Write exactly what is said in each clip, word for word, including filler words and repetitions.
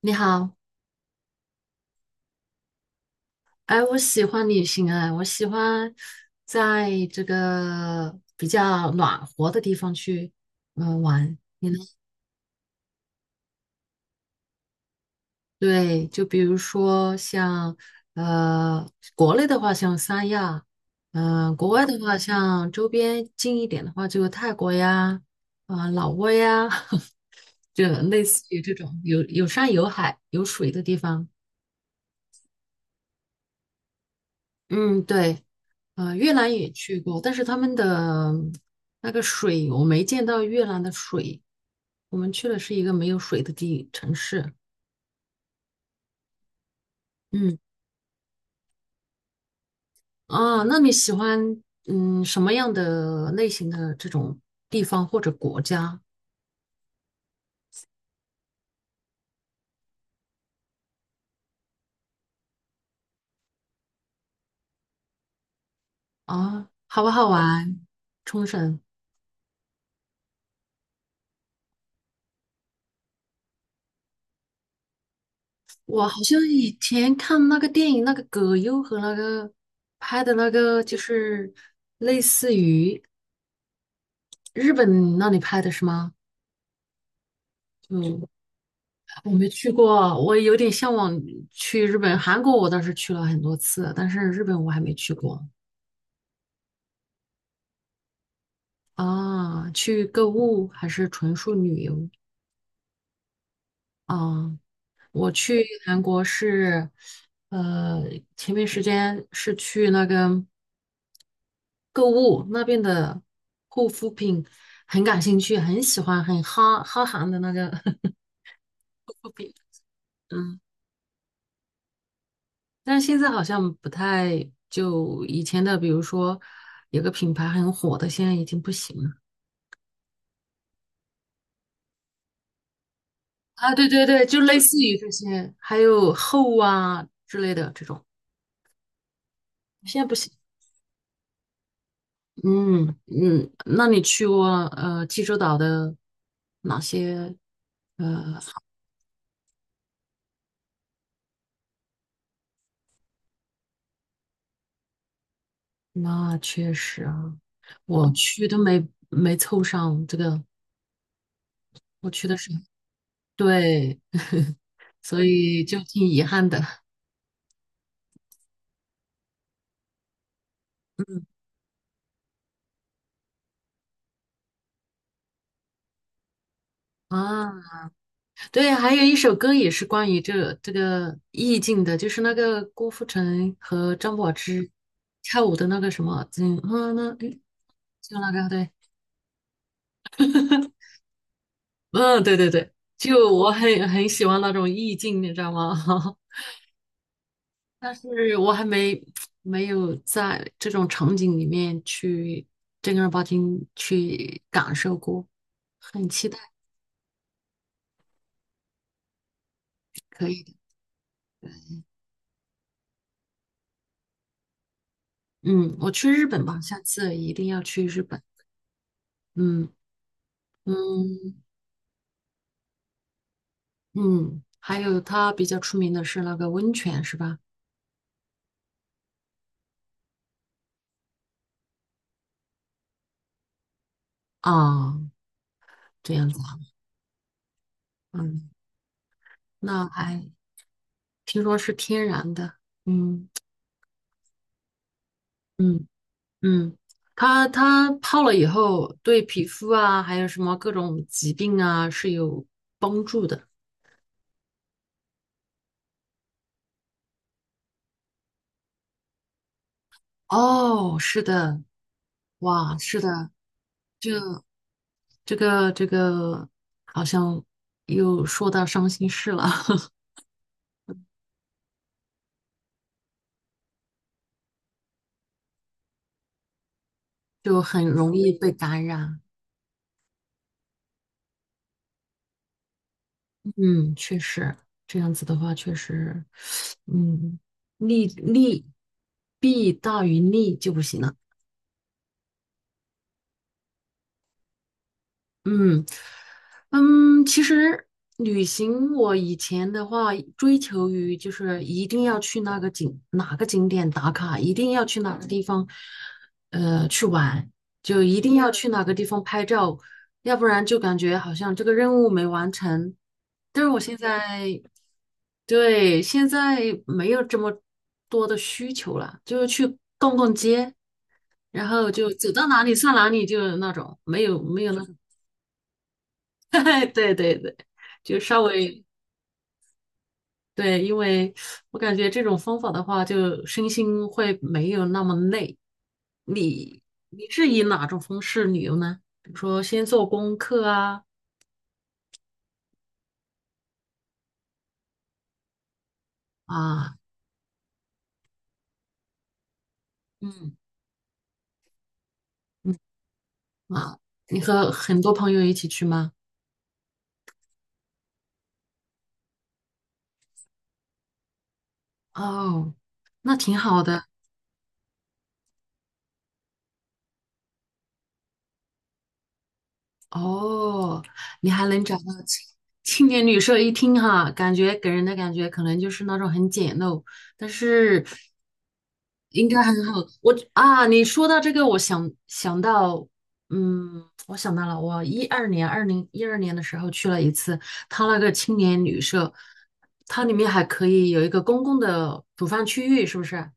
你好，哎，我喜欢旅行哎，我喜欢在这个比较暖和的地方去，嗯、玩。你呢？对，就比如说像呃，国内的话像三亚，嗯、国外的话像周边近一点的话就泰国呀，啊、老挝呀，就类似于这种有有山有海有水的地方。嗯，对，呃，越南也去过，但是他们的那个水我没见到越南的水，我们去的是一个没有水的地城市。嗯，啊，那你喜欢嗯什么样的类型的这种地方或者国家啊？好不好玩？冲绳，我好像以前看那个电影，那个葛优和那个拍的那个，就是类似于日本那里拍的是吗？就。我没去过，我有点向往去日本、韩国，我倒是去了很多次，但是日本我还没去过啊。去购物还是纯属旅游啊？我去韩国是，呃，前面时间是去那个购物那边的护肤品，很感兴趣，很喜欢，很哈哈韩的那个 护肤品。嗯。但是现在好像不太，就以前的，比如说有个品牌很火的，现在已经不行了啊。对对对，就类似于这些，还有厚啊之类的这种，现在不行。嗯嗯，那你去过呃济州岛的哪些？那确实啊，我去都没没凑上这个，我去的是，对，所以就挺遗憾的啊。对，还有一首歌也是关于这个这个意境的，就是那个郭富城和张柏芝跳舞的那个什么，嗯嗯，那诶就那个对，嗯对对对，就我很很喜欢那种意境，你知道吗？但是我还没没有在这种场景里面去正儿八经去感受过，很期待可以的。嗯，我去日本吧，下次一定要去日本。嗯嗯。嗯，还有它比较出名的是那个温泉，是吧？啊，这样子啊，嗯，那还听说是天然的，嗯嗯嗯，它它泡了以后，对皮肤啊，还有什么各种疾病啊是有帮助的。哦，是的，哇，是的，这个这个好像又说到伤心事了，就很容易被感染。嗯，确实，这样子的话，确实，嗯，利利弊大于利就不行了。嗯，嗯，其实旅行我以前的话追求于就是一定要去那个景哪个景点打卡，一定要去哪个地方，呃，去玩，就一定要去哪个地方拍照，要不然就感觉好像这个任务没完成。但是我现在，对，现在没有这么多的需求了，就是去逛逛街，然后就走到哪里算哪里，就那种没有没有那种。对对对，就稍微对，因为我感觉这种方法的话，就身心会没有那么累。你你是以哪种方式旅游呢？比如说先做功课啊啊嗯啊，你和很多朋友一起去吗？哦，那挺好的。哦，你还能找到青青年旅社一听哈，感觉给人的感觉可能就是那种很简陋，但是应该很好。我啊，你说到这个，我想想到，嗯，我想到了，我一二年，二零一二年的时候去了一次，它那个青年旅社，它里面还可以有一个公共的煮饭区域，是不是？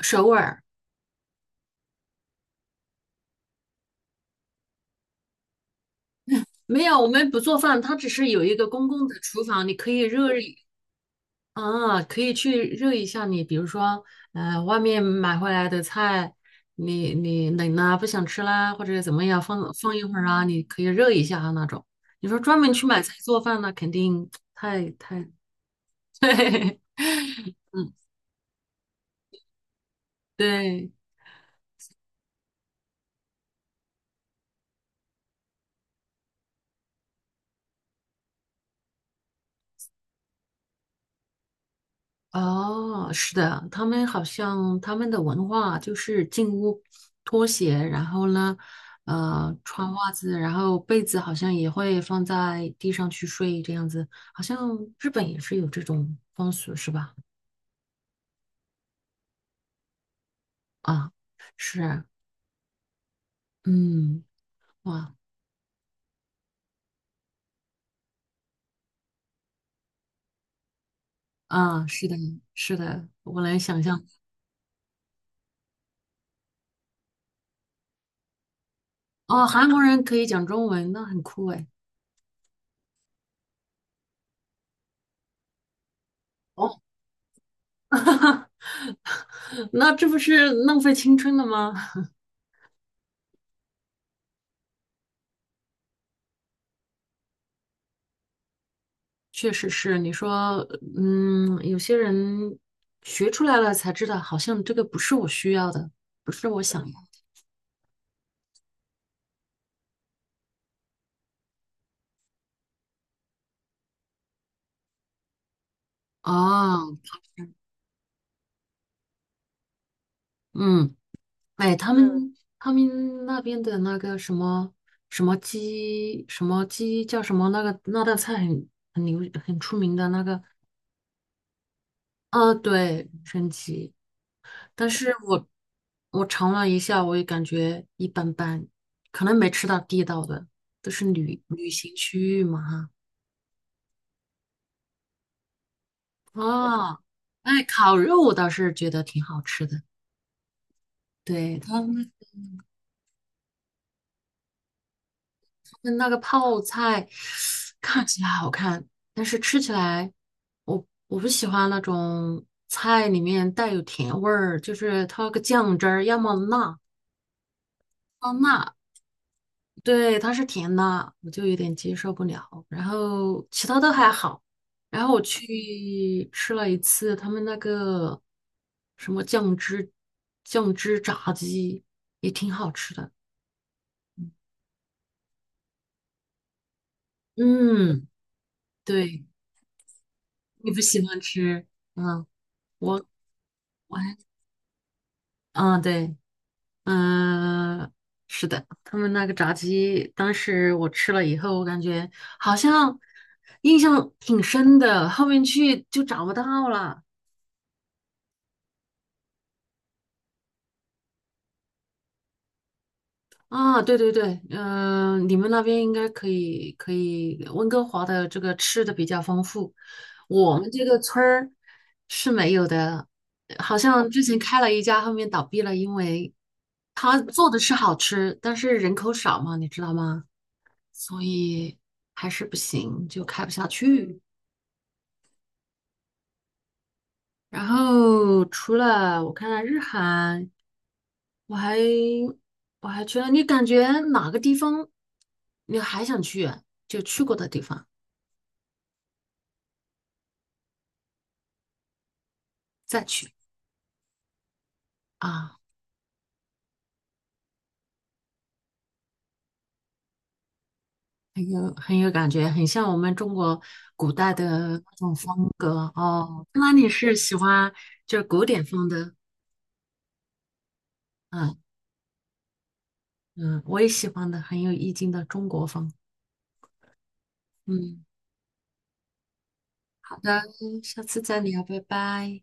首尔没有，我们不做饭，它只是有一个公共的厨房，你可以热。啊，可以去热一下你，比如说，呃，外面买回来的菜，你你冷啦，不想吃啦，或者怎么样，放放一会儿啊，你可以热一下啊那种。你说专门去买菜做饭，那肯定太太 对对，哦，是的，他们好像他们的文化就是进屋脱鞋，然后呢，呃，穿袜子，然后被子好像也会放在地上去睡，这样子，好像日本也是有这种风俗，是吧？啊，是，嗯，哇，啊，是的，是的，我来想象，哦，韩国人可以讲中文，那很酷哎。哦，那这不是浪费青春了吗？确实是，你说，嗯，有些人学出来了才知道，好像这个不是我需要的，不是我想要的。哦，嗯，哎，他嗯们他们那边的那个什么什么鸡什么鸡叫什么那个那道菜很很牛很出名的那个，啊，对，神奇。但是我我尝了一下，我也感觉一般般，可能没吃到地道的，都是旅旅行区域嘛。哈。哦，哎，烤肉我倒是觉得挺好吃的。对，他们他们那个泡菜看起来好看，但是吃起来我我不喜欢那种菜里面带有甜味儿，就是它那个酱汁儿要么辣，要么辣，对，它是甜的，我就有点接受不了。然后其他都还好。然后我去吃了一次他们那个什么酱汁酱汁炸鸡，也挺好吃的。嗯，对，你不喜欢吃？嗯，我我还嗯对，嗯，是的，他们那个炸鸡，当时我吃了以后，我感觉好像印象挺深的，后面去就找不到了。啊，对对对，嗯、你们那边应该可以，可以，温哥华的这个吃的比较丰富，我们这个村儿是没有的，好像之前开了一家，后面倒闭了，因为他做的是好吃，但是人口少嘛，你知道吗？所以还是不行，就开不下去。然后除了我看看日韩。我还我还去了，你感觉哪个地方你还想去？就去过的地方再去啊，很有很有感觉，很像我们中国古代的那种风格哦。那你是喜欢就是古典风的？嗯嗯，我也喜欢的，很有意境的中国风。嗯，好的，下次再聊，拜拜。